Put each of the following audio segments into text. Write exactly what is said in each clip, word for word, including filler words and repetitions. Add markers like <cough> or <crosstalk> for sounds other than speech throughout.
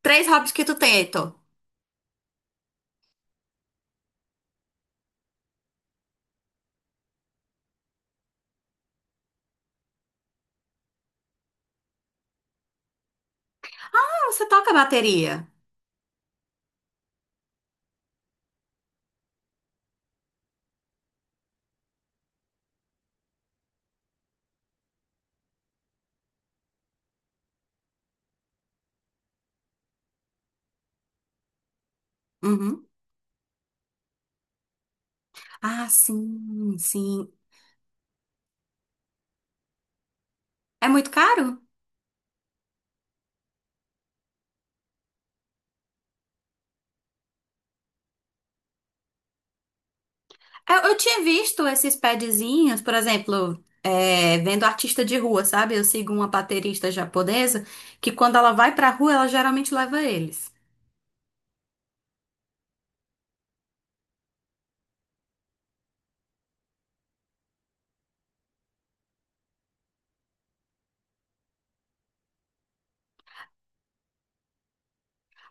Três hobbies que tu tem, Heitor. Ah, você toca bateria. Uhum. Ah, sim, sim. É muito caro? Eu, eu tinha visto esses padzinhos, por exemplo, é, vendo artista de rua, sabe? Eu sigo uma baterista japonesa que quando ela vai pra rua, ela geralmente leva eles.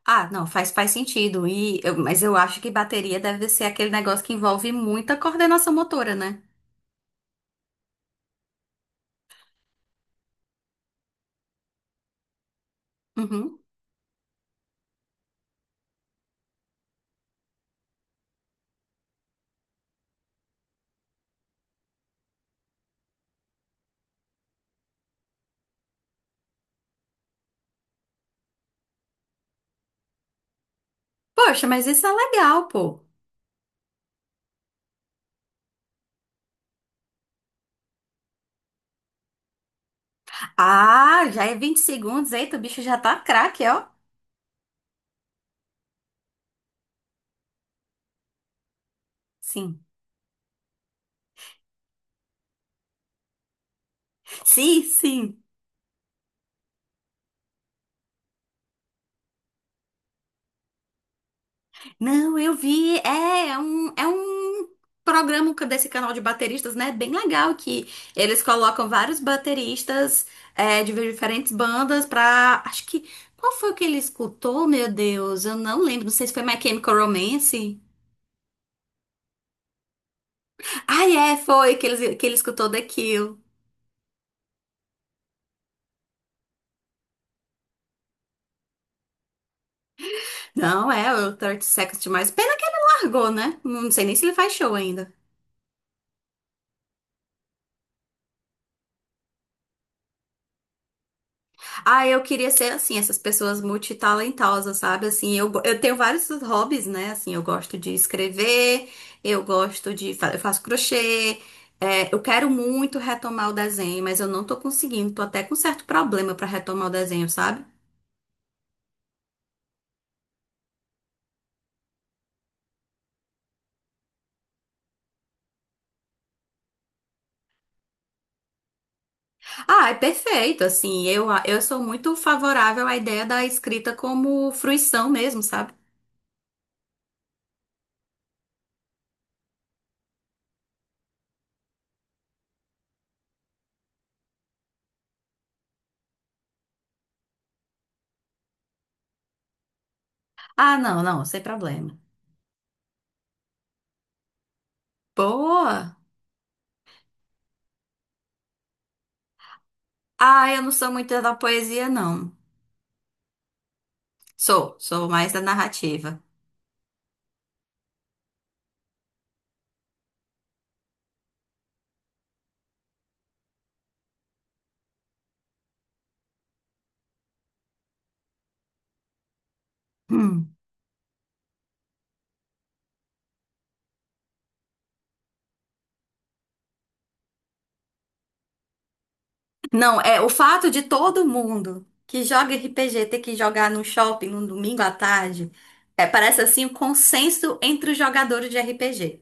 Ah, não, faz, faz sentido. E eu- mas eu acho que bateria deve ser aquele negócio que envolve muita coordenação motora, né? Uhum. Poxa, mas isso é legal, pô. Ah, já é vinte segundos. Eita, o bicho já tá craque, ó. Sim. Sim, sim. Não, eu vi. É, é um, é um programa desse canal de bateristas, né? Bem legal que eles colocam vários bateristas é, de diferentes bandas pra. Acho que. Qual foi o que ele escutou, meu Deus? Eu não lembro. Não sei se foi My Chemical Romance. Ai é, foi que ele, que ele escutou The Kill. Não, é o trinta Seconds to Mars. Pena que ele largou, né? Não sei nem se ele faz show ainda. Ah, eu queria ser assim, essas pessoas multitalentosas, sabe? Assim, eu, go- eu tenho vários hobbies, né? Assim, eu gosto de escrever, eu gosto de, fa- eu faço crochê, é, eu quero muito retomar o desenho, mas eu não tô conseguindo, tô até com certo problema pra retomar o desenho, sabe? Ah, é perfeito, assim, eu, a- eu sou muito favorável à ideia da escrita como fruição mesmo, sabe? Ah, não, não, sem problema. Boa! Ah, eu não sou muito da poesia, não. Sou, sou mais da narrativa. Hum. Não, é o fato de todo mundo que joga R P G ter que jogar no shopping no domingo à tarde, é, parece assim o consenso entre os jogadores de R P G.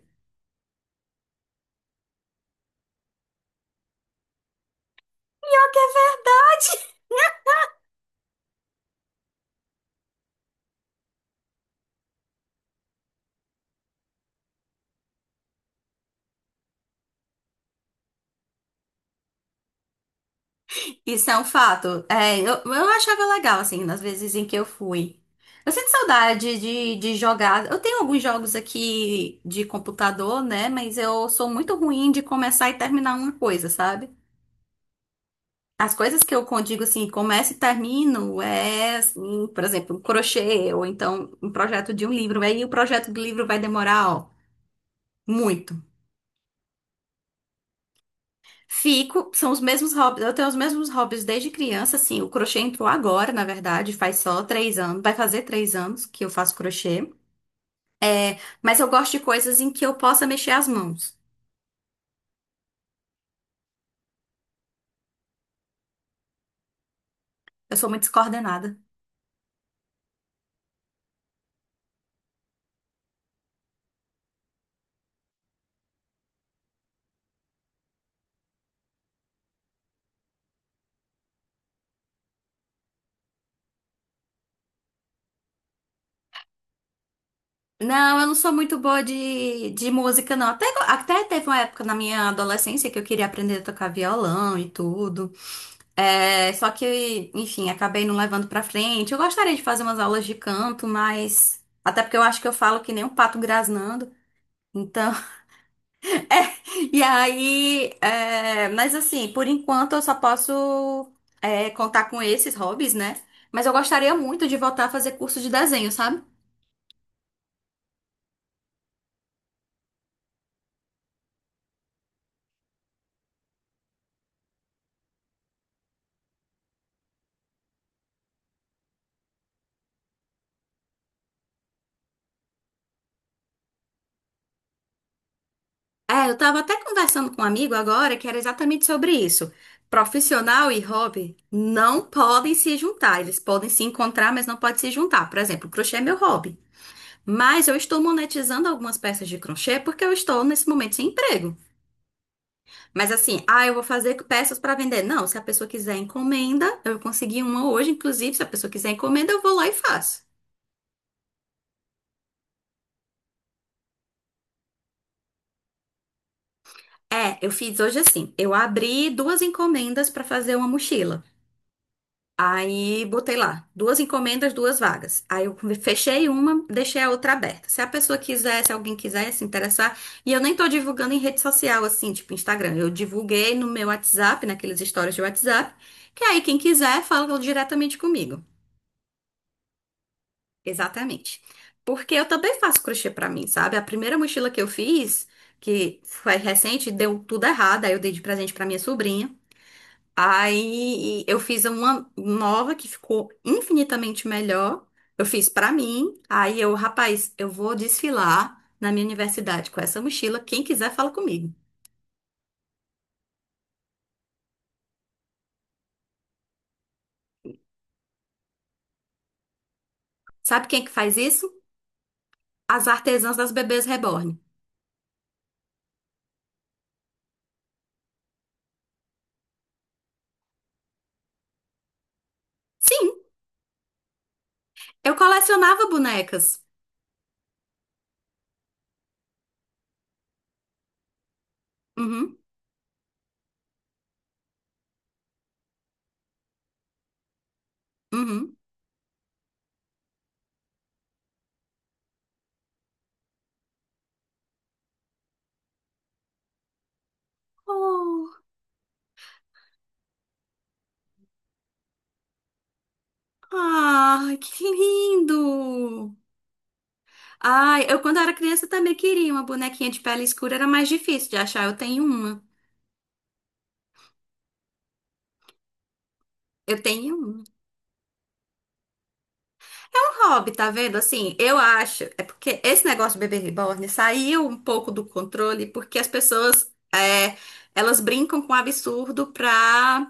Isso é um fato. É, eu, eu achava legal, assim, nas vezes em que eu fui. Eu sinto saudade de, de jogar. Eu tenho alguns jogos aqui de computador, né? Mas eu sou muito ruim de começar e terminar uma coisa, sabe? As coisas que eu con- digo assim, começo e termino, é, assim, por exemplo, um crochê, ou então um projeto de um livro. Aí o projeto do livro vai demorar, ó, muito. Fico, são os mesmos hobbies, eu tenho os mesmos hobbies desde criança, assim, o crochê entrou agora, na verdade, faz só três anos, vai fazer três anos que eu faço crochê. Mas eu gosto de coisas em que eu possa mexer as mãos. Eu sou muito descoordenada. Não, eu não sou muito boa de, de música, não. Até, até teve uma época na minha adolescência que eu queria aprender a tocar violão e tudo. É, só que, enfim, acabei não levando pra frente. Eu gostaria de fazer umas aulas de canto, mas. Até porque eu acho que eu falo que nem um pato grasnando. Então. <laughs> é, E aí. É, mas assim, por enquanto eu só posso é, contar com esses hobbies, né? Mas eu gostaria muito de voltar a fazer curso de desenho, sabe? É, eu tava até conversando com um amigo agora que era exatamente sobre isso. Profissional e hobby não podem se juntar. Eles podem se encontrar, mas não podem se juntar. Por exemplo, crochê é meu hobby. Mas eu estou monetizando algumas peças de crochê porque eu estou nesse momento sem emprego. Mas assim, ah, eu vou fazer peças para vender. Não, se a pessoa quiser encomenda, eu consegui uma hoje, inclusive, se a pessoa quiser encomenda, eu vou lá e faço. É, eu fiz hoje assim. Eu abri duas encomendas para fazer uma mochila. Aí botei lá, duas encomendas, duas vagas. Aí eu fechei uma, deixei a outra aberta. Se a pessoa quiser, se alguém quiser se interessar, e eu nem tô divulgando em rede social, assim, tipo Instagram. Eu divulguei no meu WhatsApp, naqueles stories de WhatsApp, que aí quem quiser fala diretamente comigo. Exatamente. Porque eu também faço crochê pra mim, sabe? A primeira mochila que eu fiz, que foi recente, deu tudo errado, aí eu dei de presente pra minha sobrinha. Aí eu fiz uma nova que ficou infinitamente melhor. Eu fiz pra mim. Aí eu, rapaz, eu vou desfilar na minha universidade com essa mochila. Quem quiser, fala comigo. Sabe quem é que faz isso? As artesãs das bebês reborn. Sim, eu colecionava bonecas. Uhum, uhum. Oh, ai, que lindo! Ai, eu quando era criança também queria uma bonequinha de pele escura, era mais difícil de achar. Eu tenho uma. Eu tenho uma. É um hobby, tá vendo? Assim, eu acho. É porque esse negócio de bebê reborn saiu um pouco do controle porque as pessoas, é, elas brincam com o absurdo pra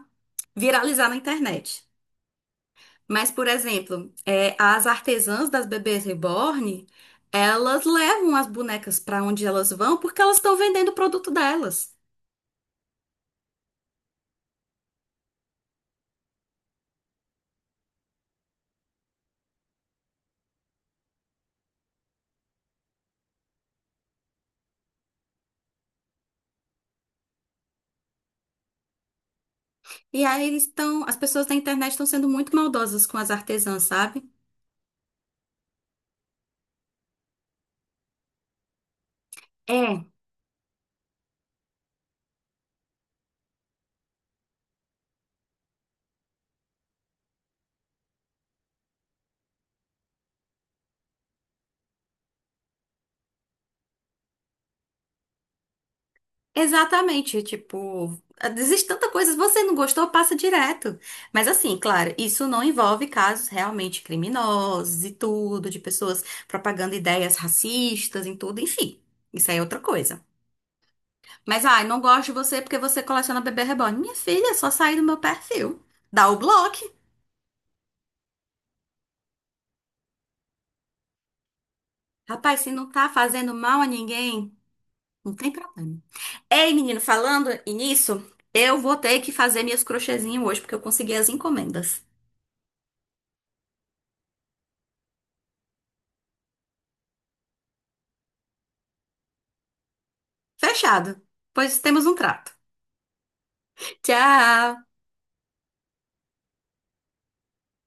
viralizar na internet. Mas, por exemplo, é, as artesãs das bebês reborn, elas levam as bonecas pra onde elas vão porque elas estão vendendo o produto delas. E aí eles estão, as pessoas da internet estão sendo muito maldosas com as artesãs, sabe? É. Exatamente, tipo, existe tanta coisa, se você não gostou, passa direto. Mas assim, claro, isso não envolve casos realmente criminosos e tudo, de pessoas propagando ideias racistas e tudo, enfim. Isso aí é outra coisa. Mas, ai, não gosto de você porque você coleciona bebê reborn. Minha filha, é só sair do meu perfil. Dá o bloco. Rapaz, se não tá fazendo mal a ninguém, não tem problema. Ei, menino, falando nisso, eu vou ter que fazer minhas crochêzinhas hoje porque eu consegui as encomendas. Fechado. Pois temos um trato. Tchau!